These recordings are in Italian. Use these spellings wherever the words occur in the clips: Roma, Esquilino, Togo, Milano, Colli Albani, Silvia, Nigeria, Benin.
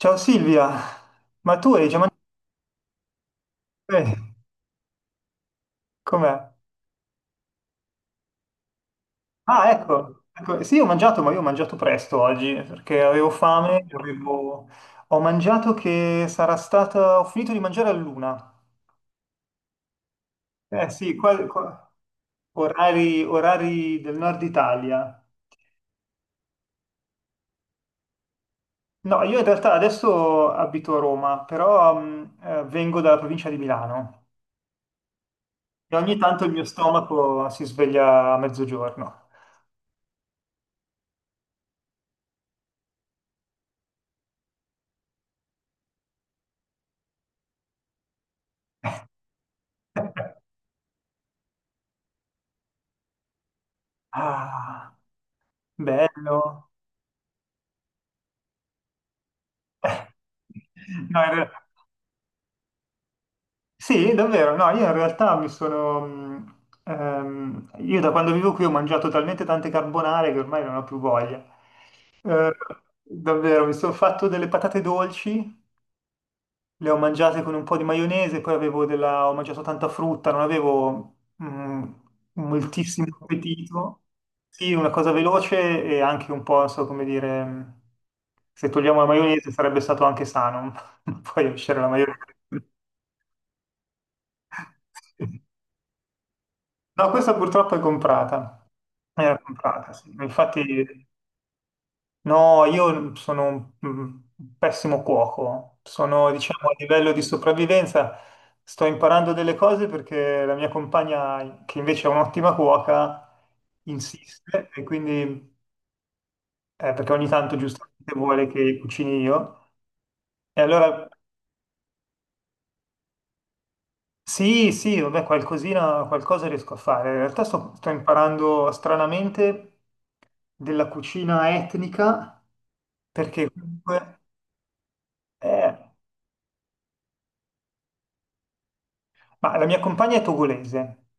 Ciao Silvia, ma tu hai già mangiato? Eh, Com'è? Ecco, sì, ho mangiato, ma io ho mangiato presto oggi perché avevo fame, ho mangiato che sarà stata, ho finito di mangiare all'una. Eh sì, orari, orari del nord Italia. No, io in realtà adesso abito a Roma, però vengo dalla provincia di Milano e ogni tanto il mio stomaco si sveglia a mezzogiorno. Ah, bello. No, in realtà- Sì, davvero, no, io in realtà mi sono... io da quando vivo qui ho mangiato talmente tante carbonare che ormai non ho più voglia. Eh, davvero, mi sono fatto delle patate dolci, le ho mangiate con un po' di maionese, poi avevo della... ho mangiato tanta frutta, non avevo moltissimo appetito. Sì, una cosa veloce e anche un po', non so come dire, se togliamo la maionese sarebbe stato anche sano, ma poi uscire la maionese. No, questa purtroppo è comprata. Era comprata, sì. Infatti, no, io sono un un pessimo cuoco. Sono, diciamo, a livello di sopravvivenza, sto imparando delle cose perché la mia compagna, che invece è un'ottima cuoca, insiste e quindi, perché ogni tanto giustamente vuole che cucini io. E allora sì, sì, vabbè, qualcosina, qualcosa riesco a fare. In realtà sto imparando stranamente della cucina etnica, perché comunque... eh, ma la mia compagna è togolese,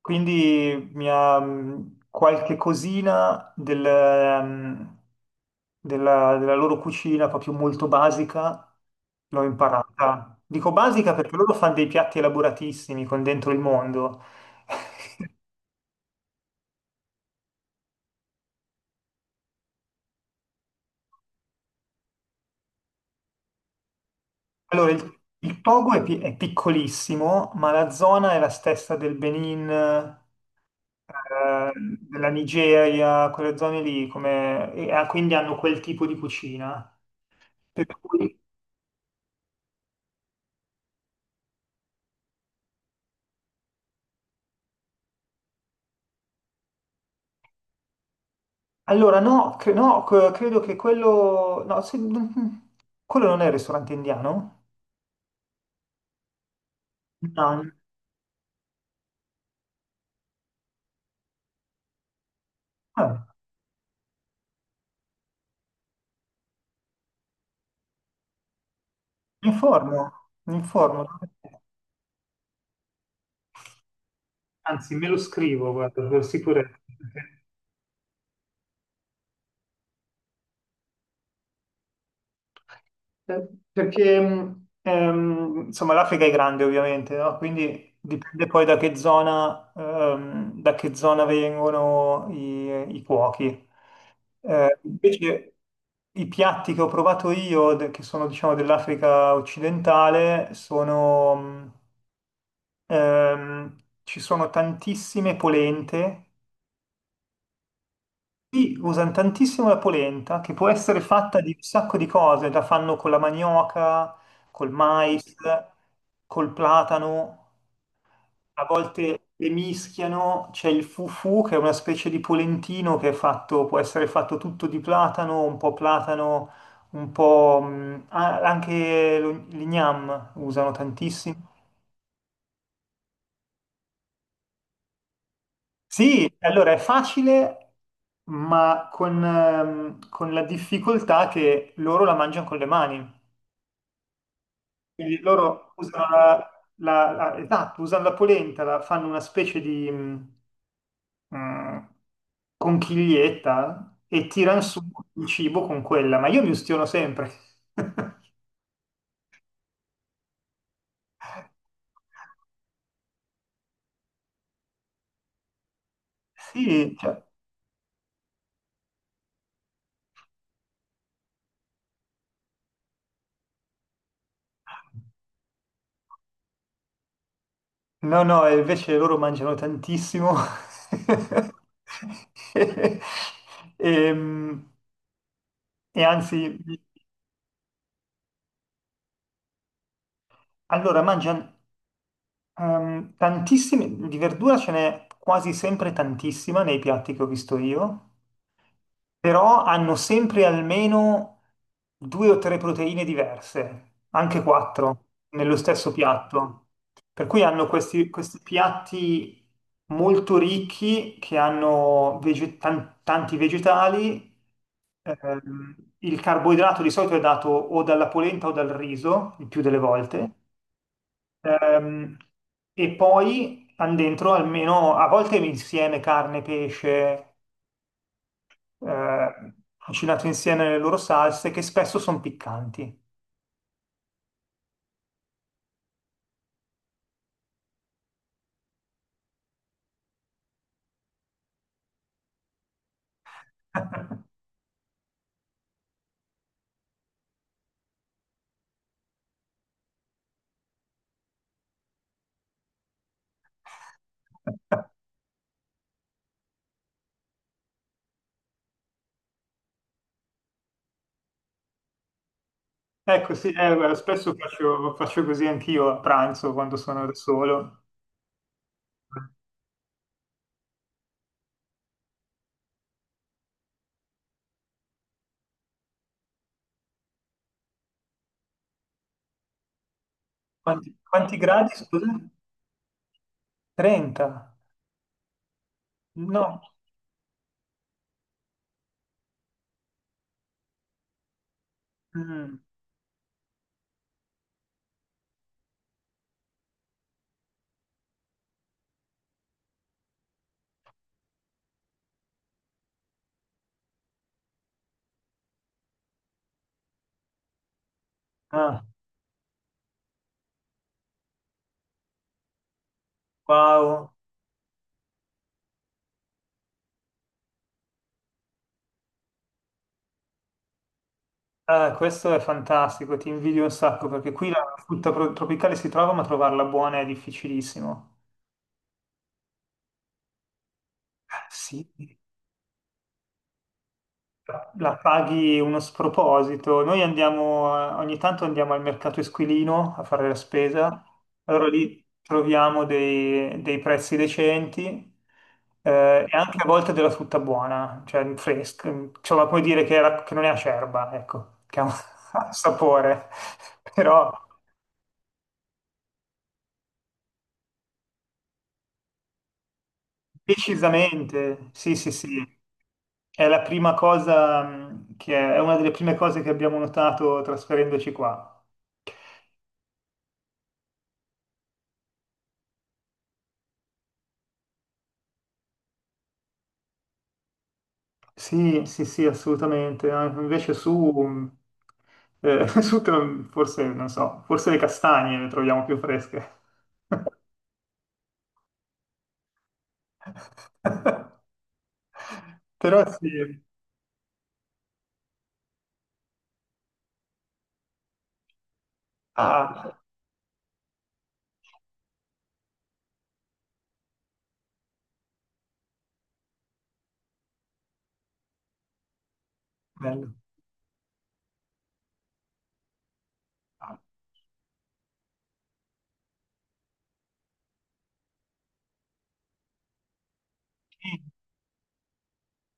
quindi mi ha qualche cosina della loro cucina, proprio molto basica, l'ho imparata. Dico basica perché loro fanno dei piatti elaboratissimi con dentro il mondo. Allora, il Togo è, è piccolissimo, ma la zona è la stessa del Benin, della Nigeria, quelle zone lì, come, e ah, quindi hanno quel tipo di cucina. Per cui- allora, no, cre- no, c- credo che quello... No, quello non è il ristorante indiano? No, eh, mi informo, mi informo. Anzi, me lo scrivo, guarda, per sicurezza. Perché insomma l'Africa è grande ovviamente, no? Quindi dipende poi da che zona vengono i cuochi. Invece i piatti che ho provato io, che sono diciamo dell'Africa occidentale, sono, ehm, ci sono tantissime polente. Qui usano tantissimo la polenta, che può essere fatta di un sacco di cose, la fanno con la manioca, col mais, col platano, a volte le mischiano, c'è il fufu che è una specie di polentino che è fatto, può essere fatto tutto di platano, un po' anche l'ignam usano tantissimo. Sì, allora è facile, ma con la difficoltà che loro la mangiano con le mani. Quindi loro usano la, esatto, usano la polenta, la fanno una specie di mh, conchiglietta e tirano su il cibo con quella, ma io mi ustiono sempre. Sì, cioè, no, no, e invece loro mangiano tantissimo. E, ehm, e anzi, allora mangiano tantissime, di verdura ce n'è quasi sempre tantissima nei piatti che ho visto io. Però hanno sempre almeno 2 o 3 proteine diverse, anche 4, nello stesso piatto. Per cui hanno questi piatti molto ricchi che hanno tanti vegetali. Il carboidrato di solito è dato o dalla polenta o dal riso, il più delle volte. Ehm, e poi hanno dentro almeno, a volte insieme carne, pesce, cucinato insieme le loro salse che spesso sono piccanti. Ecco, sì, guarda, spesso faccio così anch'io a pranzo quando sono da solo. Quanti gradi, scusa? 30? No. Mm. Ah, wow. Ah, questo è fantastico, ti invidio un sacco perché qui la frutta tropicale si trova, ma trovarla buona è difficilissimo. Ah, sì. La paghi uno sproposito. Noi andiamo, ogni tanto andiamo al mercato Esquilino a fare la spesa, allora lì troviamo dei prezzi decenti. Eh, e anche a volte della frutta buona, cioè fresca, insomma, puoi dire che, che non è acerba, ecco, che ha un ha un sapore, però decisamente, sì, sì, sì, è la prima cosa mm, che è una delle prime cose che abbiamo notato trasferendoci qua. Sì, sì, sì, assolutamente. Ah, invece su, su te forse, non so, forse le castagne le troviamo più fresche. Però sì, ah, bello.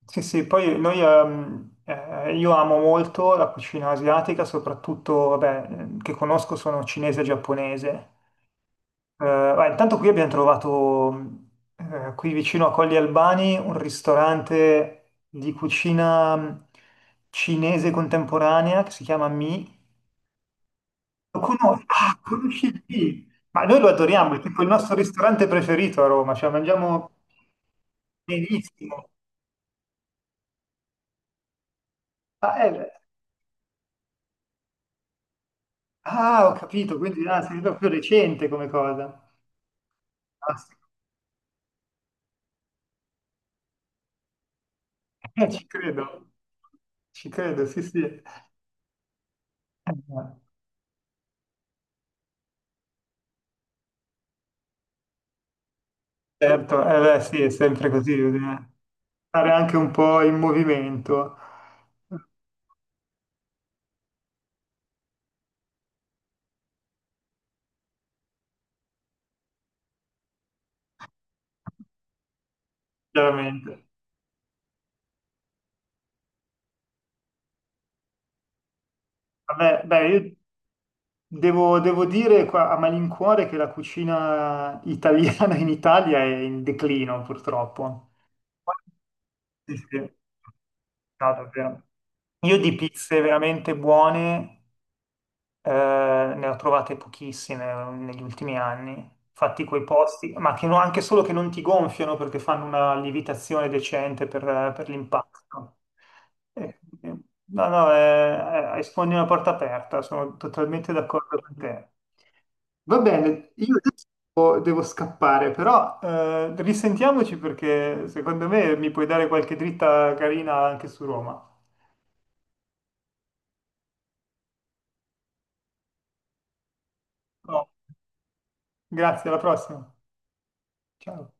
Sì, sì, poi noi, io amo molto la cucina asiatica, soprattutto, vabbè, che conosco sono cinese e giapponese. Beh, intanto qui abbiamo trovato, qui vicino a Colli Albani, un ristorante di cucina cinese contemporanea che si chiama Mi. Lo conosci? Ah, conosci Mi? Ma noi lo adoriamo, è tipo il nostro ristorante preferito a Roma, cioè mangiamo benissimo. Ah, ah, ho capito, quindi ah, sei proprio recente come cosa. Ah, sì. Eh, ci credo, ci credo, sì, sì. Eh, certo, eh beh, sì, è sempre così, bisogna stare anche un po' in movimento, chiaramente. Vabbè, beh, io devo dire qua a malincuore che la cucina italiana in Italia è in declino, purtroppo. Sì, sì, no, davvero. Io di pizze veramente buone. Ne ho trovate pochissime negli ultimi anni. Fatti quei posti, ma che no- anche solo che non ti gonfiano perché fanno una lievitazione decente per l'impasto. Eh, eh, no, no, sfondi una porta aperta, sono totalmente d'accordo con te. Va bene, io adesso devo scappare, però risentiamoci perché secondo me mi puoi dare qualche dritta carina anche su Roma. No. Grazie, alla prossima. Ciao.